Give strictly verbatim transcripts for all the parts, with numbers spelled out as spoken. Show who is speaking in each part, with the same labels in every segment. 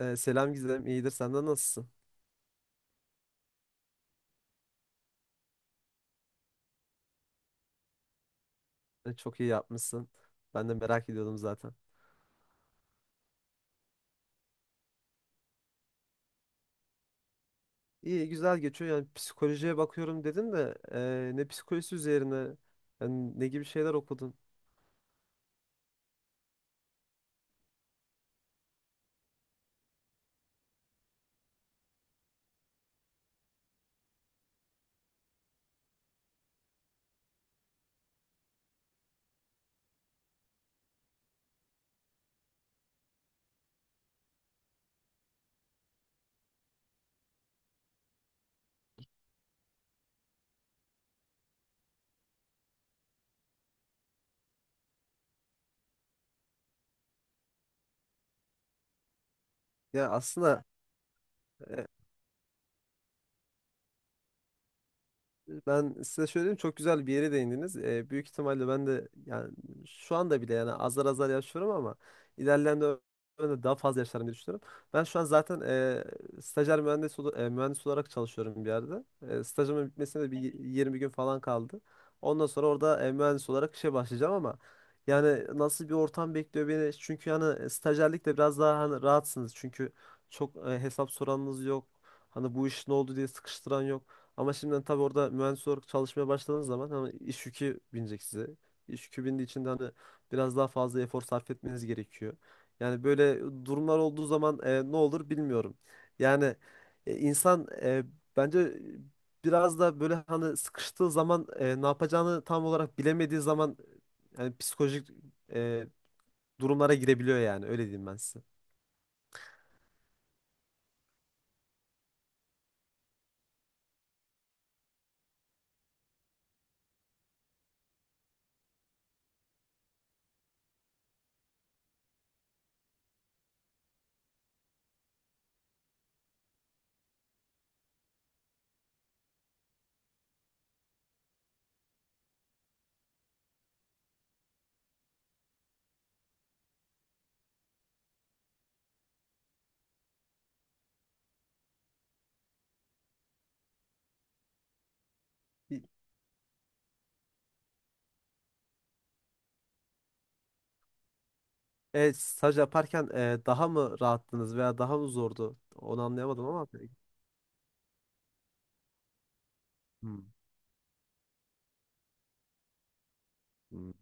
Speaker 1: Ee, selam Gizem, iyidir. Senden nasılsın? Ee, çok iyi yapmışsın. Ben de merak ediyordum zaten. İyi, güzel geçiyor. Yani psikolojiye bakıyorum dedin de e, ne psikolojisi üzerine, yani ne gibi şeyler okudun? Ya aslında e, ben size şöyle diyeyim, çok güzel bir yere değindiniz. Ee, büyük ihtimalle ben de yani şu anda bile yani azar azar yaşıyorum ama ilerleyen dönemde daha fazla yaşarım diye düşünüyorum. Ben şu an zaten e, stajyer mühendis, ol- e, mühendis olarak çalışıyorum bir yerde. E, stajımın bitmesine de bir y- yirmi gün falan kaldı. Ondan sonra orada e, mühendis olarak işe başlayacağım ama yani nasıl bir ortam bekliyor beni? Çünkü yani stajyerlikte biraz daha hani rahatsınız. Çünkü çok e, hesap soranınız yok. Hani bu iş ne oldu diye sıkıştıran yok. Ama şimdiden tabii orada mühendis olarak çalışmaya başladığınız zaman hani iş yükü binecek size. İş yükü bindiği için de hani biraz daha fazla efor sarf etmeniz gerekiyor. Yani böyle durumlar olduğu zaman e, ne olur bilmiyorum. Yani e, insan e, bence biraz da böyle hani sıkıştığı zaman e, ne yapacağını tam olarak bilemediği zaman yani psikolojik e, durumlara girebiliyor, yani öyle diyeyim ben size. Evet, staj yaparken e, daha mı rahattınız veya daha mı zordu? Onu anlayamadım ama. Hmm. Hmm.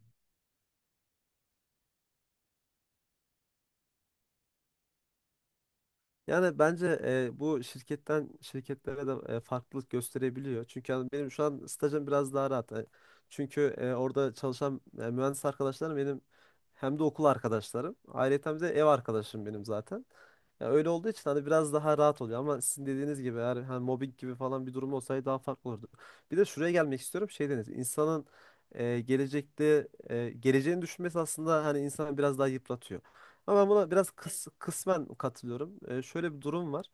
Speaker 1: Yani bence e, bu şirketten şirketlere de e, farklılık gösterebiliyor. Çünkü yani benim şu an stajım biraz daha rahat. E, çünkü e, orada çalışan e, mühendis arkadaşlarım benim hem de okul arkadaşlarım. Ayrıca de ev arkadaşım benim zaten. Ya öyle olduğu için hani biraz daha rahat oluyor ama sizin dediğiniz gibi eğer hani mobbing gibi falan bir durum olsaydı daha farklı olurdu. Bir de şuraya gelmek istiyorum. Şey dediniz. İnsanın e, gelecekte e, geleceğini düşünmesi aslında hani insanı biraz daha yıpratıyor. Ama ben buna biraz kıs- kısmen katılıyorum. Ee, şöyle bir durum var.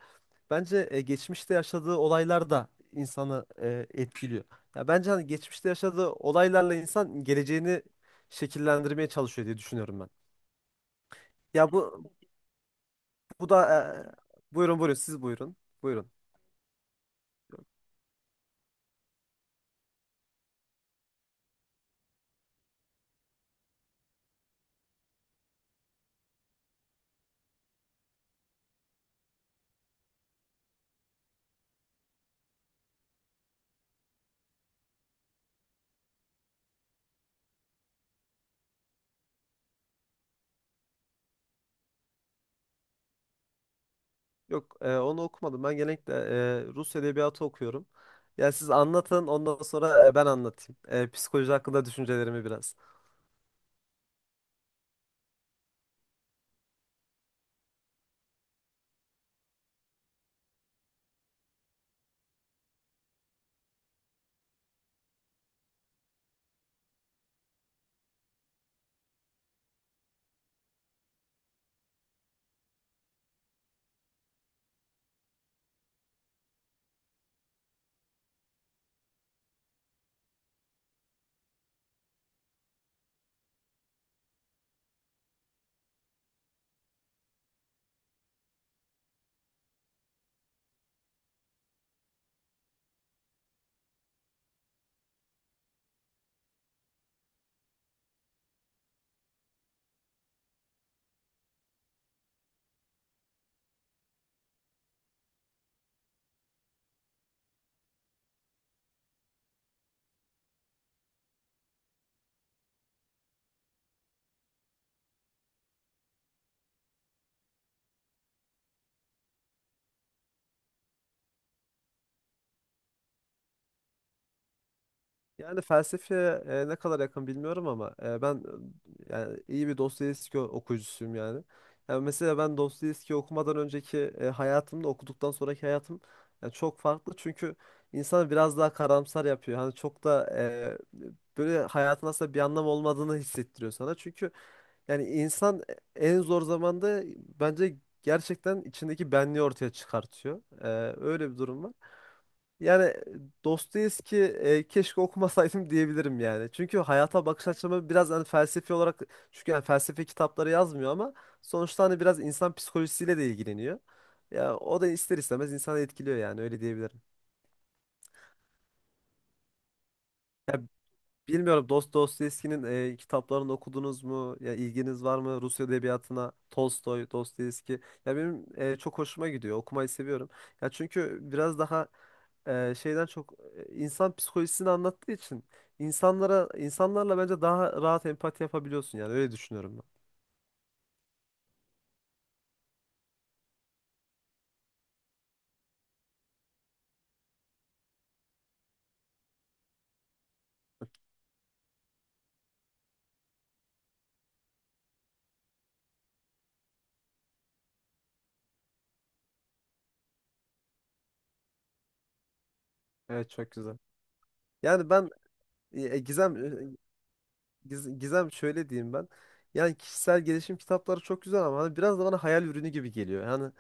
Speaker 1: Bence e, geçmişte yaşadığı olaylar da insanı e, etkiliyor. Ya bence hani geçmişte yaşadığı olaylarla insan geleceğini şekillendirmeye çalışıyor diye düşünüyorum ben. Ya bu bu da e, buyurun buyurun, siz buyurun. Buyurun. Yok, e, onu okumadım. Ben genellikle e, Rus edebiyatı okuyorum. Ya siz anlatın, ondan sonra e, ben anlatayım. E, psikoloji hakkında düşüncelerimi biraz. Yani felsefeye e, ne kadar yakın bilmiyorum ama e, ben e, yani iyi bir Dostoyevski o- okuyucusuyum yani. Yani mesela ben Dostoyevski okumadan önceki e, hayatımda okuduktan sonraki hayatım yani çok farklı, çünkü insanı biraz daha karamsar yapıyor. Hani çok da e, böyle hayatın aslında bir anlam olmadığını hissettiriyor sana. Çünkü yani insan en zor zamanda bence gerçekten içindeki benliği ortaya çıkartıyor. E, öyle bir durum var. Yani Dostoyevski e, keşke okumasaydım diyebilirim yani. Çünkü hayata bakış açımı biraz hani felsefi olarak, çünkü yani felsefe kitapları yazmıyor ama sonuçta hani biraz insan psikolojisiyle de ilgileniyor. Ya o da ister istemez insanı etkiliyor, yani öyle diyebilirim. Bilmiyorum, Dost Dostoyevski'nin e, kitaplarını okudunuz mu? Ya ilginiz var mı Rus edebiyatına? Tolstoy, Dostoyevski. Ya benim e, çok hoşuma gidiyor. Okumayı seviyorum. Ya çünkü biraz daha e, şeyden çok e, insan psikolojisini anlattığı için insanlara, insanlarla bence daha rahat empati yapabiliyorsun, yani öyle düşünüyorum ben. Evet, çok güzel. Yani ben E, e, Gizem e, Giz- Gizem, şöyle diyeyim ben. Yani kişisel gelişim kitapları çok güzel ama hani biraz da bana hayal ürünü gibi geliyor. Yani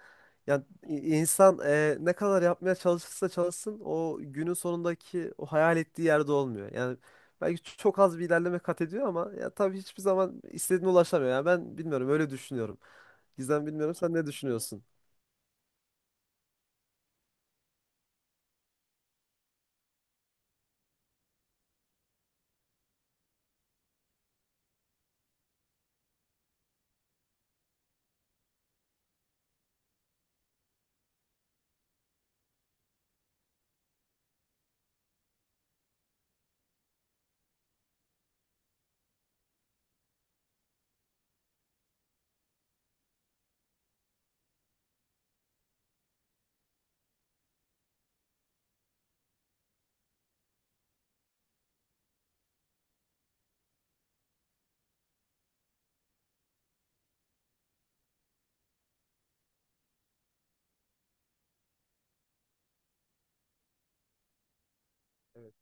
Speaker 1: yani i- insan e, ne kadar yapmaya çalışırsa çalışsın o günün sonundaki o hayal ettiği yerde olmuyor. Yani belki ç- çok az bir ilerleme kat ediyor ama ya tabii hiçbir zaman istediğine ulaşamıyor. Yani ben bilmiyorum, öyle düşünüyorum. Gizem, bilmiyorum, sen ne düşünüyorsun?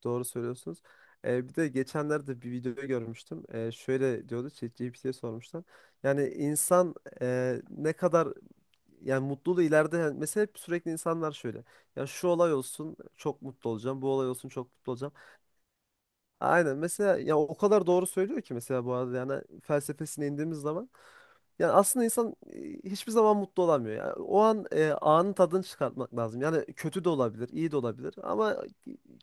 Speaker 1: Doğru söylüyorsunuz. Ee, bir de geçenlerde bir videoyu görmüştüm. Ee, şöyle diyordu, ChatGPT'ye sormuşlar. Yani insan e, ne kadar yani mutluluğu ileride, yani mesela hep sürekli insanlar şöyle. Ya şu olay olsun çok mutlu olacağım. Bu olay olsun çok mutlu olacağım. Aynen, mesela ya o kadar doğru söylüyor ki, mesela bu arada yani felsefesine indiğimiz zaman yani aslında insan e, hiçbir zaman mutlu olamıyor. Yani o an e, anın tadını çıkartmak lazım. Yani kötü de olabilir, iyi de olabilir ama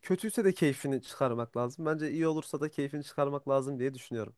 Speaker 1: kötüyse de keyfini çıkarmak lazım. Bence iyi olursa da keyfini çıkarmak lazım diye düşünüyorum.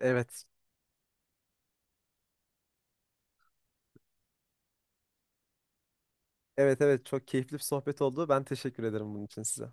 Speaker 1: Evet. Evet, evet, çok keyifli bir sohbet oldu. Ben teşekkür ederim bunun için size.